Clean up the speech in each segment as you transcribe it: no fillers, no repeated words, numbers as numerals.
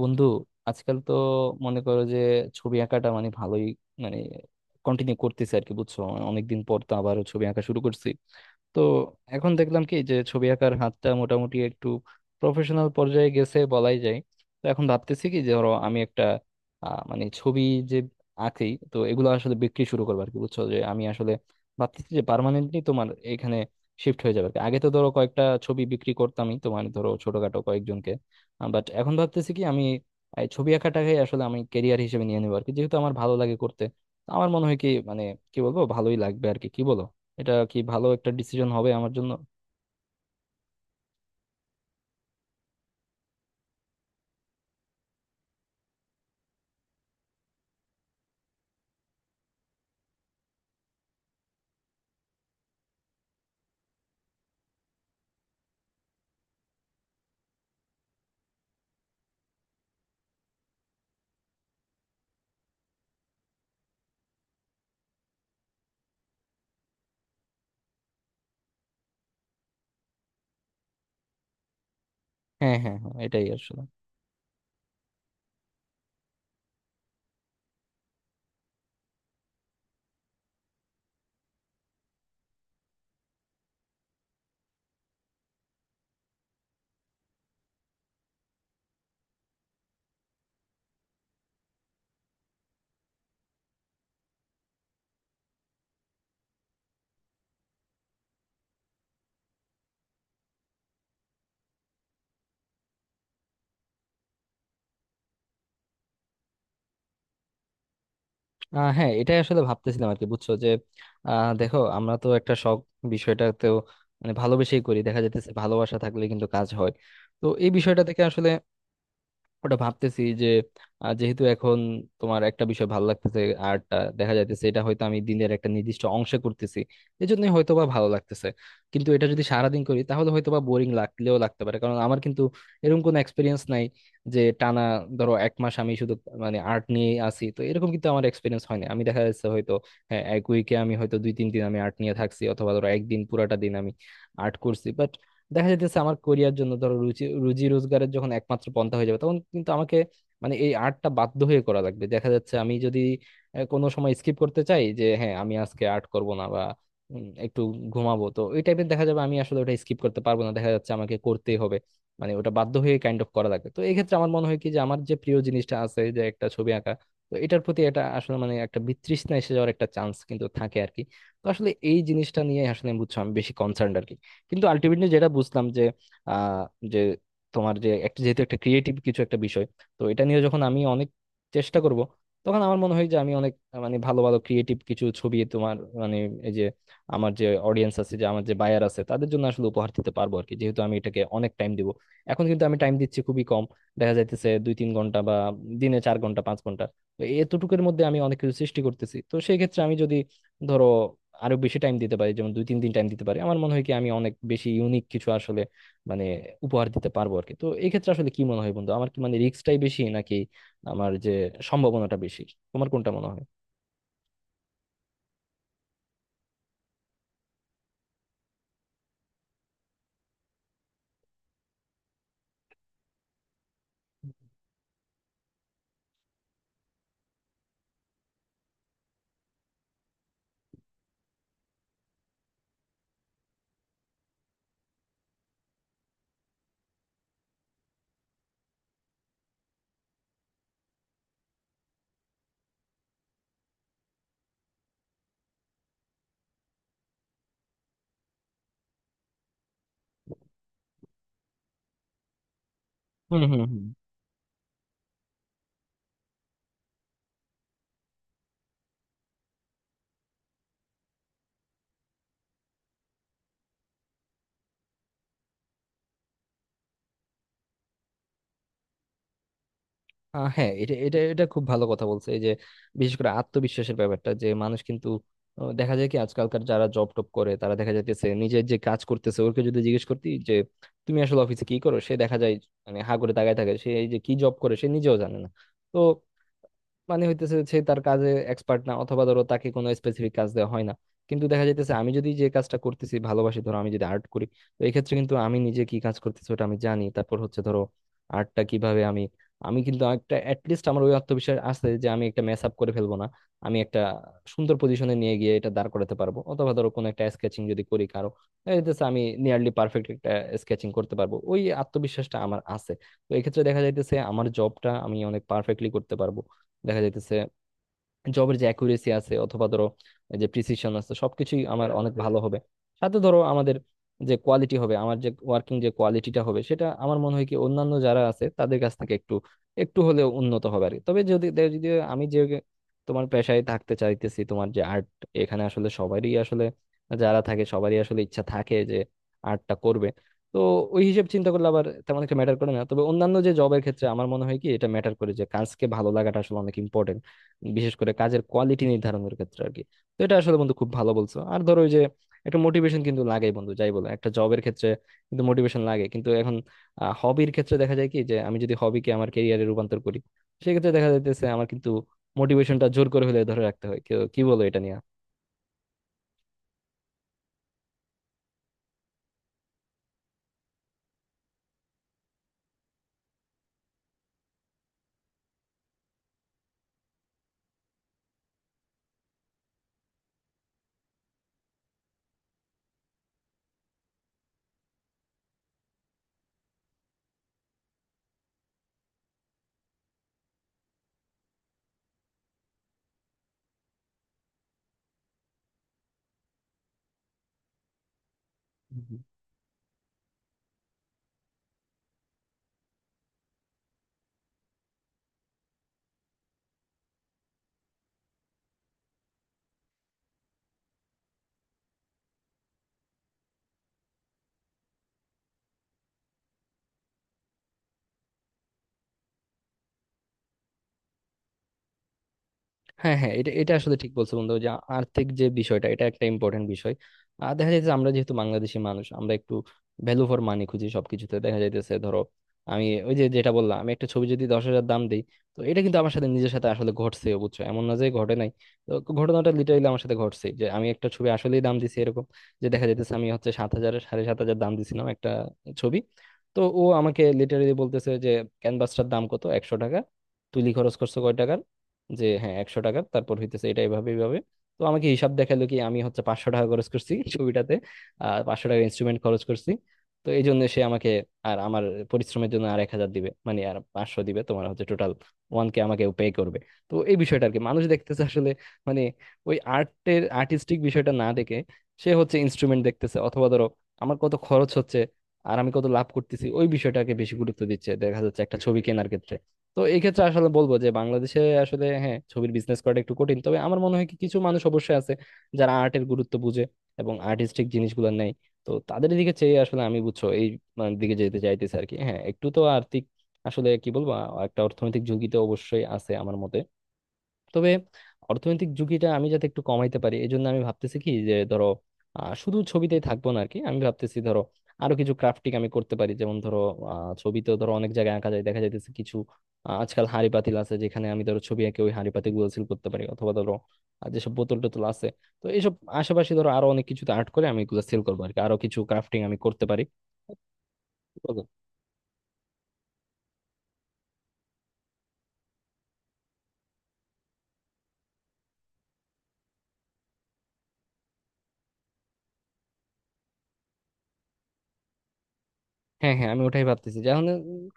বন্ধু, আজকাল তো মনে করো যে ছবি আঁকাটা মানে ভালোই, মানে কন্টিনিউ করতেছে আর কি, বুঝছো? মানে অনেকদিন পর তো আবারও ছবি আঁকা শুরু করছি। তো এখন দেখলাম কি যে ছবি আঁকার হাতটা মোটামুটি একটু প্রফেশনাল পর্যায়ে গেছে বলাই যায়। তো এখন ভাবতেছি কি যে ধরো আমি একটা মানে ছবি যে আঁকি, তো এগুলো আসলে বিক্রি শুরু করবো আর কি। বুঝছো যে আমি আসলে ভাবতেছি যে পার্মানেন্টলি তোমার এখানে শিফট হয়ে যাবে আর কি। আগে তো ধরো কয়েকটা ছবি বিক্রি করতামই, তোমার ধরো ছোটখাটো কয়েকজনকে। বাট এখন ভাবতেছি কি আমি এই ছবি আঁকাটাকে আসলে আমি কেরিয়ার হিসেবে নিয়ে নেবো আর কি, যেহেতু আমার ভালো লাগে করতে। তো আমার মনে হয় কি, মানে কি বলবো, ভালোই লাগবে আর কি। কি বলো, এটা কি ভালো একটা ডিসিশন হবে আমার জন্য? হ্যাঁ হ্যাঁ হ্যাঁ, এটাই আসলে। হ্যাঁ এটাই আসলে ভাবতেছিলাম আর কি, বুঝছো যে দেখো আমরা তো একটা শখ বিষয়টাতেও মানে ভালোবেসেই করি, দেখা যাইতেছে ভালোবাসা থাকলে কিন্তু কাজ হয়। তো এই বিষয়টা থেকে আসলে ওটা ভাবতেছি যে যেহেতু এখন তোমার একটা বিষয় ভালো লাগতেছে, আর্টটা, দেখা যাইতেছে এটা হয়তো আমি দিনের একটা নির্দিষ্ট অংশে করতেছি, এজন্য হয়তো বা ভালো লাগতেছে। কিন্তু এটা যদি সারাদিন করি তাহলে হয়তো বা বোরিং লাগলেও লাগতে পারে, কারণ আমার কিন্তু এরকম কোনো এক্সপিরিয়েন্স নাই যে টানা ধরো এক মাস আমি শুধু মানে আর্ট নিয়ে আসি, তো এরকম কিন্তু আমার এক্সপিরিয়েন্স হয় না। আমি দেখা যাচ্ছে হয়তো, হ্যাঁ, এক উইকে আমি হয়তো 2-3 দিন আমি আর্ট নিয়ে থাকছি, অথবা ধরো একদিন পুরাটা দিন আমি আর্ট করছি। দেখা যাইতেছে আমার কোরিয়ার জন্য ধরো রুচি রুজি রোজগারের যখন একমাত্র পন্থা হয়ে যাবে তখন কিন্তু আমাকে মানে এই আর্টটা বাধ্য হয়ে করা লাগবে। দেখা যাচ্ছে আমি যদি কোনো সময় স্কিপ করতে চাই যে হ্যাঁ আমি আজকে আর্ট করব না, বা একটু ঘুমাবো, তো ওই টাইপের দেখা যাবে আমি আসলে ওটা স্কিপ করতে পারবো না। দেখা যাচ্ছে আমাকে করতেই হবে, মানে ওটা বাধ্য হয়ে কাইন্ড অফ করা লাগে। তো এই ক্ষেত্রে আমার মনে হয় কি যে আমার যে প্রিয় জিনিসটা আছে, যে একটা ছবি আঁকা, তো এটার প্রতি এটা আসলে মানে একটা বিতৃষ্ণা এসে যাওয়ার একটা চান্স কিন্তু থাকে আর কি। তো আসলে এই জিনিসটা নিয়ে আসলে আমি, বুঝছো, আমি বেশি কনসার্ন আর কি। কিন্তু আলটিমেটলি যেটা বুঝলাম যে, আহ যে তোমার যে একটা, যেহেতু একটা ক্রিয়েটিভ কিছু একটা বিষয়, তো এটা নিয়ে যখন আমি অনেক চেষ্টা করব তখন আমার মনে হয় যে আমি অনেক মানে ভালো ভালো ক্রিয়েটিভ কিছু ছবি তোমার, মানে এই যে আমার যে অডিয়েন্স আছে, যে আমার যে বায়ার আছে, তাদের জন্য আসলে উপহার দিতে পারবো আর কি, যেহেতু আমি এটাকে অনেক টাইম দিব। এখন কিন্তু আমি টাইম দিচ্ছি খুবই কম, দেখা যাইতেছে 2-3 ঘন্টা বা দিনে 4 ঘন্টা 5 ঘন্টা। তো এতটুকুর মধ্যে আমি অনেক কিছু সৃষ্টি করতেছি, তো সেই ক্ষেত্রে আমি যদি ধরো আরো বেশি টাইম দিতে পারি, যেমন 2-3 দিন টাইম দিতে পারি, আমার মনে হয় কি আমি অনেক বেশি ইউনিক কিছু আসলে মানে উপহার দিতে পারবো আর কি। তো এই ক্ষেত্রে আসলে কি মনে হয় বন্ধু, আমার কি মানে রিস্কটাই বেশি, নাকি আমার যে সম্ভাবনাটা বেশি? তোমার কোনটা মনে হয়? হুম হুম হুম। হ্যাঁ, এটা এটা এটা খুব ভালো কথা বলছে, এই যে বিশেষ করে আত্মবিশ্বাসের ব্যাপারটা, যে মানুষ কিন্তু, দেখা যায় কি আজকালকার যারা জব টপ করে তারা দেখা যাইতেছে নিজের যে কাজ করতেছে ওকে যদি জিজ্ঞেস করতি যে তুমি আসলে অফিসে কি করো, সে দেখা যায় মানে হা করে তাকায় থাকে। সে এই যে কি জব করে সে নিজেও জানে না। তো মানে হইতেছে সে তার কাজে এক্সপার্ট না, অথবা ধরো তাকে কোনো স্পেসিফিক কাজ দেওয়া হয় না। কিন্তু দেখা যাইতেছে আমি যদি যে কাজটা করতেছি ভালোবাসি, ধরো আমি যদি আর্ট করি, তো এই ক্ষেত্রে কিন্তু আমি নিজে কি কাজ করতেছি ওটা আমি জানি। তারপর হচ্ছে ধরো আর্টটা কিভাবে আমি, কিন্তু একটা অ্যাটলিস্ট আমার ওই আত্মবিশ্বাস আছে যে আমি একটা মেস আপ করে ফেলবো না, আমি একটা সুন্দর পজিশনে নিয়ে গিয়ে এটা দাঁড় করাতে পারবো। অথবা ধরো কোনো একটা স্কেচিং যদি করি কারো, দেখা যাইতেছে আমি নিয়ারলি পারফেক্ট একটা স্কেচিং করতে পারবো, ওই আত্মবিশ্বাসটা আমার আছে। তো এক্ষেত্রে দেখা যাইতেছে আমার জবটা আমি অনেক পারফেক্টলি করতে পারবো। দেখা যাইতেছে জবের যে অ্যাকুরেসি আছে, অথবা ধরো এই যে প্রিসিশন আছে, সবকিছুই আমার অনেক ভালো হবে। সাথে ধরো আমাদের যে কোয়ালিটি হবে, আমার যে ওয়ার্কিং যে কোয়ালিটিটা হবে, সেটা আমার মনে হয় কি অন্যান্য যারা আছে তাদের কাছ থেকে একটু একটু হলেও উন্নত হবে আর কি। তবে যদি আমি যে তোমার পেশায় থাকতে চাইতেছি, তোমার যে আর্ট, এখানে আসলে সবারই আসলে যারা থাকে সবারই আসলে ইচ্ছা থাকে যে আর্টটা করবে। তো ওই হিসেব চিন্তা করলে আবার তেমন একটা ম্যাটার করে না। তবে অন্যান্য যে জবের ক্ষেত্রে আমার মনে হয় কি এটা ম্যাটার করে, যে কাজকে ভালো লাগাটা আসলে অনেক ইম্পর্টেন্ট, বিশেষ করে কাজের কোয়ালিটি নির্ধারণের ক্ষেত্রে আর কি। তো এটা আসলে বন্ধু খুব ভালো বলছো। আর ধরো ওই যে একটা মোটিভেশন কিন্তু লাগেই বন্ধু, যাই বলো, একটা জবের ক্ষেত্রে কিন্তু মোটিভেশন লাগে। কিন্তু এখন হবির ক্ষেত্রে দেখা যায় কি যে আমি যদি হবিকে আমার ক্যারিয়ারে রূপান্তর করি, সেক্ষেত্রে দেখা যাইতেছে আমার কিন্তু মোটিভেশনটা জোর করে হলে ধরে রাখতে হয়। কি বলো এটা নিয়ে? হ্যাঁ হ্যাঁ, এটা এটা আসলে ঠিক বলছো বন্ধু, যে আর্থিক যে বিষয়টা, এটা একটা ইম্পর্টেন্ট বিষয়। আর দেখা যাচ্ছে আমরা যেহেতু বাংলাদেশি মানুষ আমরা একটু ভ্যালু ফর মানি খুঁজি সবকিছুতে। দেখা যাইতেছে ধরো আমি ওই যে যেটা বললাম, আমি একটা ছবি যদি 10,000 দাম দিই, তো এটা কিন্তু আমার সাথে, নিজের সাথে আসলে ঘটছে, বুঝছো? এমন না যে ঘটে নাই। তো ঘটনাটা লিটারালি আমার সাথে ঘটছে, যে আমি একটা ছবি আসলেই দাম দিছি এরকম। যে দেখা যাইতেছে আমি হচ্ছে 7,000 7,500 দাম দিছিলাম একটা ছবি। তো ও আমাকে লিটারালি বলতেছে যে ক্যানভাসটার দাম কত, 100 টাকা? তুলি খরচ করছো কয় টাকা? যে হ্যাঁ 100 টাকা, তারপর হইতেছে এটা এভাবে এইভাবে। তো আমাকে হিসাব দেখালো কি আমি হচ্ছে 500 টাকা খরচ করছি এই ছবিটাতে, আর 500 টাকা ইনস্ট্রুমেন্ট খরচ করছি। তো এই জন্য সে আমাকে, আর আমার পরিশ্রমের জন্য আর 1,000 দিবে, মানে আর 500 দিবে, তোমার হচ্ছে টোটাল ওয়ান কে আমাকে পে করবে। তো এই বিষয়টা আর কি, মানুষ দেখতেছে আসলে মানে ওই আর্টের আর্টিস্টিক বিষয়টা না দেখে সে হচ্ছে ইনস্ট্রুমেন্ট দেখতেছে, অথবা ধরো আমার কত খরচ হচ্ছে আর আমি কত লাভ করতেছি ওই বিষয়টাকে বেশি গুরুত্ব দিচ্ছে, দেখা যাচ্ছে, একটা ছবি কেনার ক্ষেত্রে। তো এই ক্ষেত্রে আসলে বলবো যে বাংলাদেশে আসলে হ্যাঁ ছবির বিজনেস করাটা একটু কঠিন। তবে আমার মনে হয় কি কিছু মানুষ অবশ্যই আছে যারা আর্টের গুরুত্ব বুঝে এবং আর্টিস্টিক জিনিসগুলো নেয়। তো তাদের দিকে চেয়ে আসলে আমি, বুঝছো, এই মানে দিকে যেতে চাইতেছি আর কি। হ্যাঁ একটু তো আর্থিক, আসলে কি বলবো, একটা অর্থনৈতিক ঝুঁকি তো অবশ্যই আছে আমার মতে। তবে অর্থনৈতিক ঝুঁকিটা আমি যাতে একটু কমাইতে পারি, এই জন্য আমি ভাবতেছি কি যে ধরো শুধু ছবিতেই থাকবো না আর কি। আমি ভাবতেছি ধরো আরো কিছু ক্রাফটিং আমি করতে পারি, যেমন ধরো ছবিতেও ধরো অনেক জায়গায় আঁকা যায়। দেখা যাইতেছে কিছু, আজকাল হাঁড়ি পাতিল আছে যেখানে আমি ধরো ছবি এঁকে ওই হাঁড়ি পাতিল গুলো সিল করতে পারি, অথবা ধরো আর যেসব বোতল টোতল আছে। তো এইসব আশেপাশে ধরো আরো অনেক কিছুতে আর্ট করে আমি এগুলো সেল করবো আর কি। আরো কিছু ক্রাফটিং আমি করতে পারি। হ্যাঁ হ্যাঁ, আমি ওটাই ভাবতেছি, যেমন,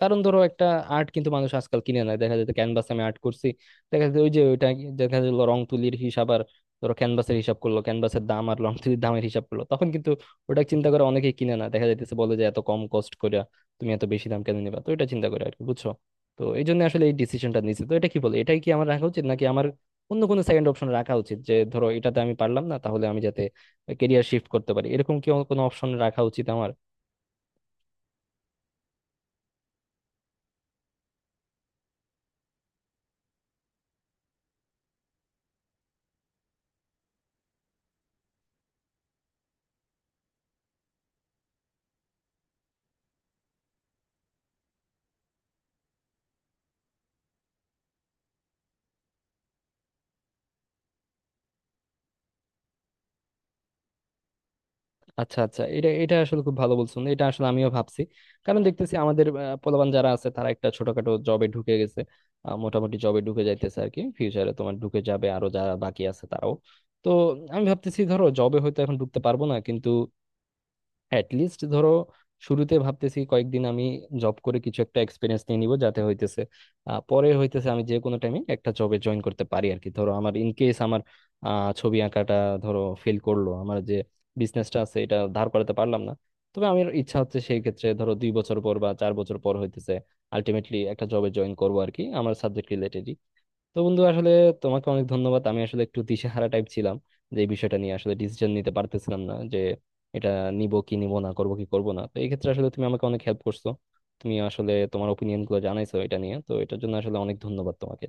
কারণ ধরো একটা আর্ট কিন্তু মানুষ আজকাল কিনে না। দেখা যেত ক্যানভাসে আমি আর্ট করছি, দেখা যেত ওই যে ওইটা, দেখা গেল রং তুলির হিসাব, আর ধরো ক্যানভাসের হিসাব করলো, ক্যানভাসের দাম আর রং তুলির দামের হিসাব করলো, তখন কিন্তু ওটা চিন্তা করে অনেকেই কিনে না। দেখা যাইতেছে বলে যে এত কম কস্ট করে তুমি এত বেশি দাম কেন নিবা, তো এটা চিন্তা করে আর কি, বুঝছো? তো এই জন্য আসলে এই ডিসিশনটা নিয়েছি। তো এটা কি বলে এটাই কি আমার রাখা উচিত, নাকি আমার অন্য কোনো সেকেন্ড অপশন রাখা উচিত যে ধরো এটাতে আমি পারলাম না তাহলে আমি যাতে কেরিয়ার শিফট করতে পারি, এরকম কি কোনো অপশন রাখা উচিত আমার? আচ্ছা আচ্ছা, এটা এটা আসলে খুব ভালো বলছেন। এটা আসলে আমিও ভাবছি, কারণ দেখতেছি আমাদের পোলাপান যারা আছে তারা একটা ছোটখাটো জবে ঢুকে গেছে। মোটামুটি জবে ঢুকে যাইতেছে আর কি, ফিউচারে তোমার ঢুকে যাবে আরো যারা বাকি আছে তারাও। তো আমি ভাবতেছি ধরো জবে হয়তো এখন ঢুকতে পারবো না, কিন্তু লিস্ট ধরো শুরুতে ভাবতেছি কয়েকদিন আমি জব করে কিছু একটা এক্সপিরিয়েন্স নিয়ে নিব, যাতে হইতেছে পরে হইতেছে আমি যে কোনো টাইমে একটা জবে জয়েন করতে পারি আর কি। ধরো আমার, ইন কেস আমার ছবি আঁকাটা ধরো ফেল করলো, আমার যে বিজনেসটা আছে এটা ধার করাতে পারলাম না, তবে আমার ইচ্ছা হচ্ছে সেই ক্ষেত্রে ধরো 2 বছর পর বা 4 বছর পর হইতেছে আলটিমেটলি একটা জবে জয়েন করবো আর কি, আমার সাবজেক্ট রিলেটেড। তো বন্ধু আসলে তোমাকে অনেক ধন্যবাদ। আমি আসলে একটু দিশেহারা টাইপ ছিলাম, যে এই বিষয়টা নিয়ে আসলে ডিসিশন নিতে পারতেছিলাম না যে এটা নিব কি নিব না, করব কি করব না। তো এই ক্ষেত্রে আসলে তুমি আমাকে অনেক হেল্প করছো, তুমি আসলে তোমার ওপিনিয়ন গুলো জানাইছো এটা নিয়ে। তো এটার জন্য আসলে অনেক ধন্যবাদ তোমাকে।